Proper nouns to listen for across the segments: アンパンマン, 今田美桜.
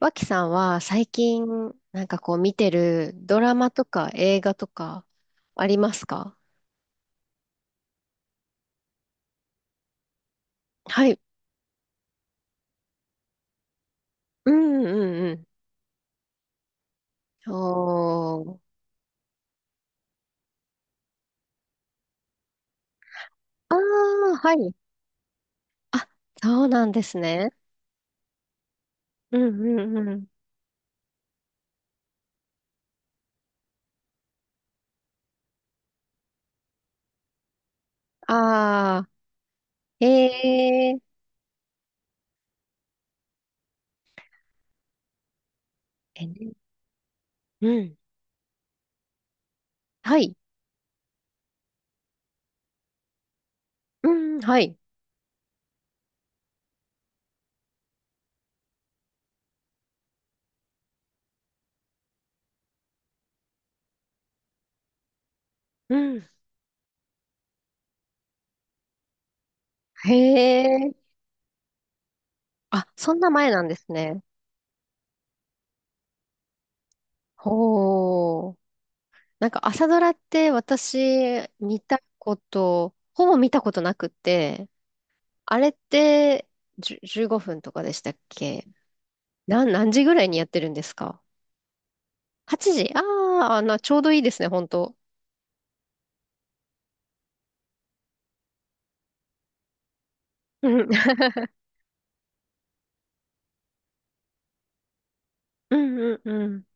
脇さんは最近、なんかこう見てるドラマとか映画とかありますか？はい。うんうんうん。おー。ああ、はい。あ、そうなんですね。うんうんうん。ああ、へえ。えねうん。はい。うん、はい。うん。へえ。あ、そんな前なんですね。ほー。なんか朝ドラって私、見たこと、ほぼ見たことなくて、あれって、15分とかでしたっけ？何時ぐらいにやってるんですか？ 8 時、あー、あ、ちょうどいいですね、本当。うん うん、うんうん。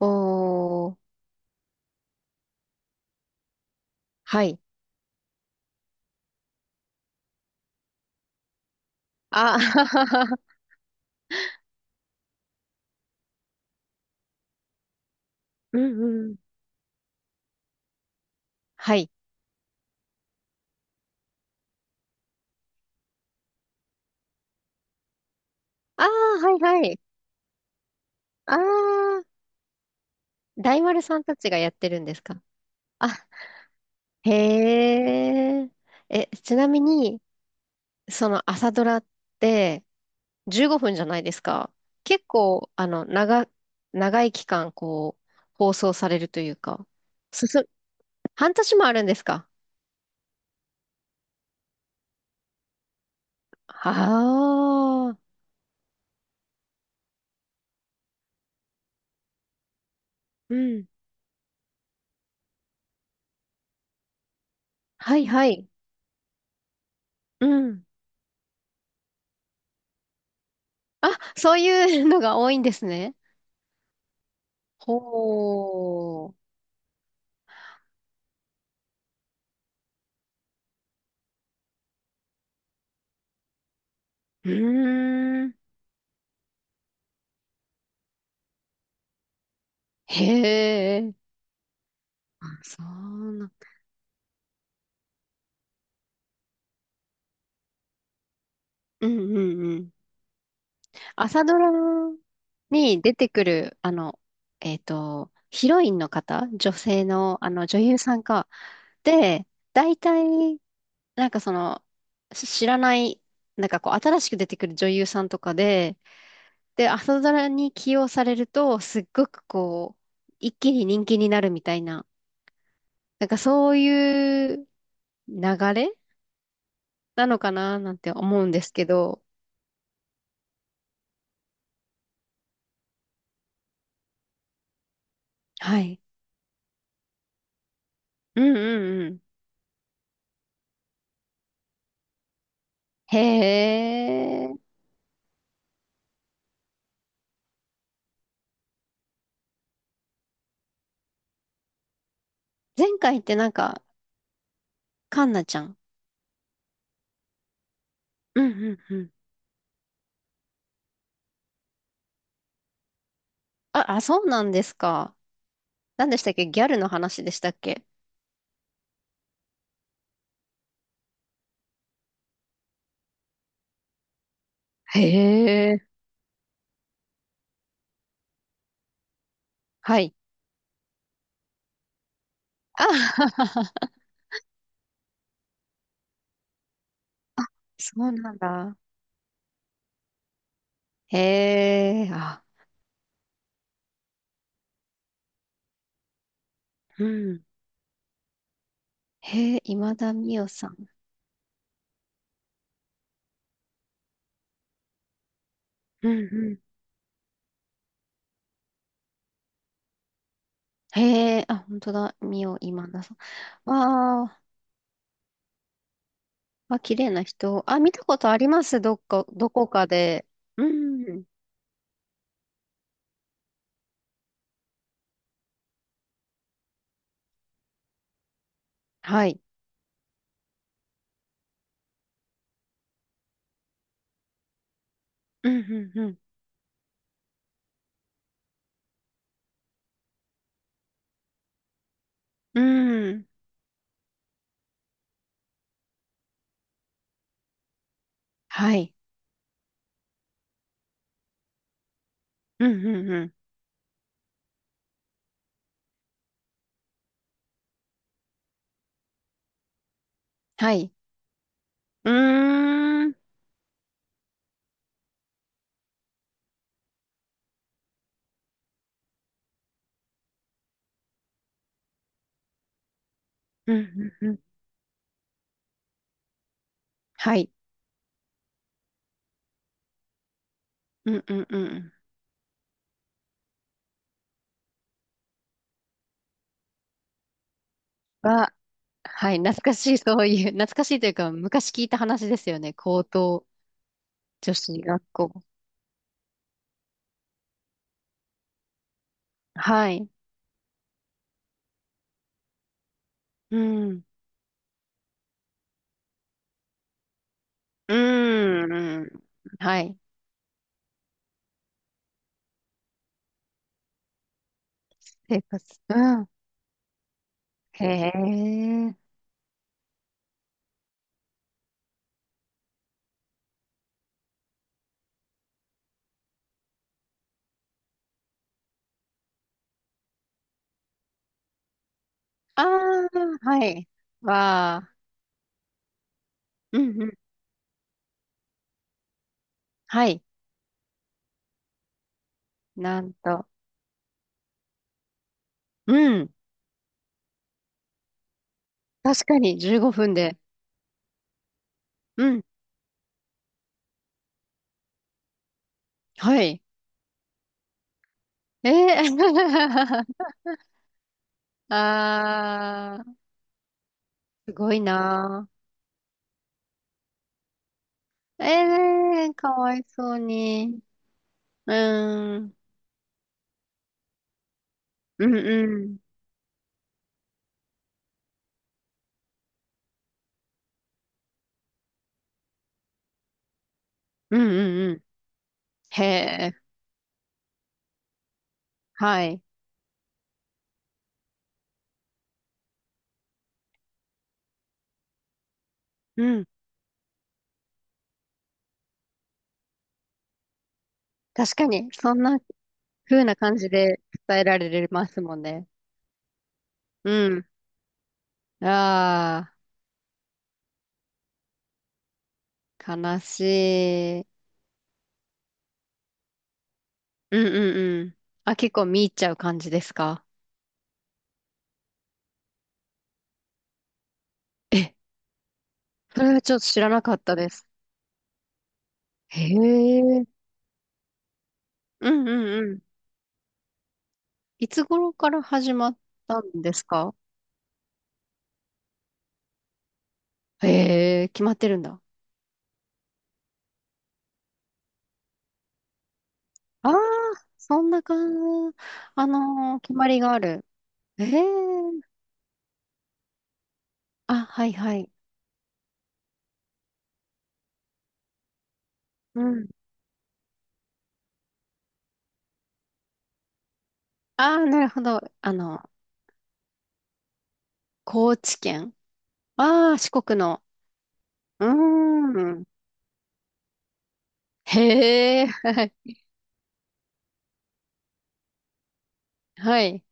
おー、はい。あ、うんうん。はい。ああ、はいはい。ああ、大丸さんたちがやってるんですか？あ、へえ。え、ちなみに、その朝ドラって、15分じゃないですか。結構、あの、長い期間、こう、放送されるというか、進む、半年もあるんですか？ああー、うん。はいはい。うん。あ、そういうのが多いんですね。ほう。うーん。へえ。あ、そうな。うんうんうん。朝ドラに出てくる、あの、ヒロインの方、女性の、あの、女優さんか。で、大体、なんかその、知らない、なんかこう、新しく出てくる女優さんとかで、朝ドラに起用されると、すっごくこう、一気に人気になるみたいな、なんかそういう流れなのかななんて思うんですけど、はい。うんうんうん。へ前回ってなんか、カンナちゃん。うんうんうん。あ、そうなんですか？何でしたっけ？ギャルの話でしたっけ？へえ。はい。あ、あ、そうなんだ。へえ、あ、うん。へえ、今田美桜さん。うんうん。へえ、あ、本当だ。美桜今田さん。わあ、あ、綺麗な人。あ、見たことあります。どこかで。うん。はい。うんうんうん。うん。はい。うんうんうん。はい。うーん。うんうんうん。はい。うんうんうん。は、はい。懐かしい、そういう、懐かしいというか、昔聞いた話ですよね。高等女子学校。はい。うん。うーん。はい。生活。うん。へえ。ああ、はい。わあ。うんうん。はい。なんと。うん。確かに、15分で。うん。はい。ええ ああ、すごいなー。ええー、かわいそうに。うーん。うんうん。うんうんうん。へえ。はい。うん。確かに、そんな風な感じで伝えられますもんね。うん。ああ、悲しい。うんうんうん。あ、結構見入っちゃう感じですか？え、それはちょっと知らなかったです。へえ。うんうんうん。いつ頃から始まったんですか？へえ、決まってるんだ。ああ、そんな感じ。決まりがある。ええ、あ、はいはい。うん。ああ、なるほど。あの、高知県。ああ、四国の。うーん。へえ、はい。はい。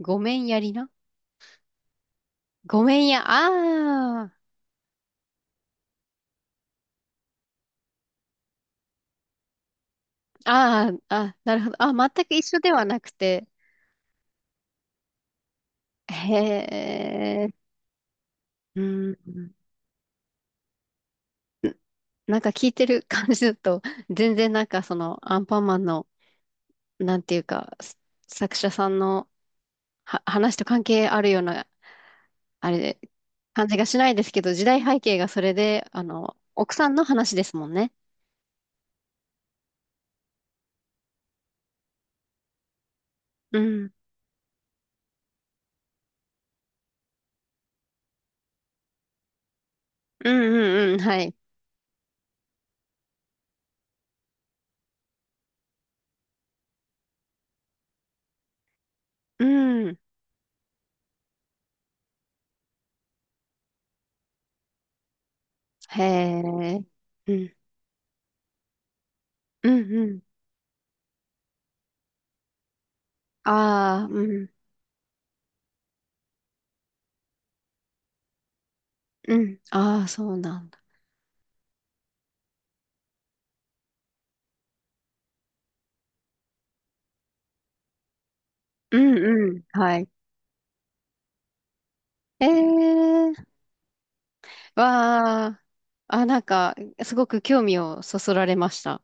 ごめんやりな。ごめんや。ああ、ああ、あ、なるほど。あ、全く一緒ではなくて。へえ、うん。なんか聞いてる感じだと、全然なんかそのアンパンマンの、なんていうか、作者さんのは話と関係あるような、あれで、感じがしないですけど、時代背景がそれで、あの、奥さんの話ですもんね。うん。うんうんうん、はい。うん。へえ。うん。うんうん。ああ、うん。うん。ああ、そうなんだ。うんうん。はい。ええ。わあ。あ、なんか、すごく興味をそそられました。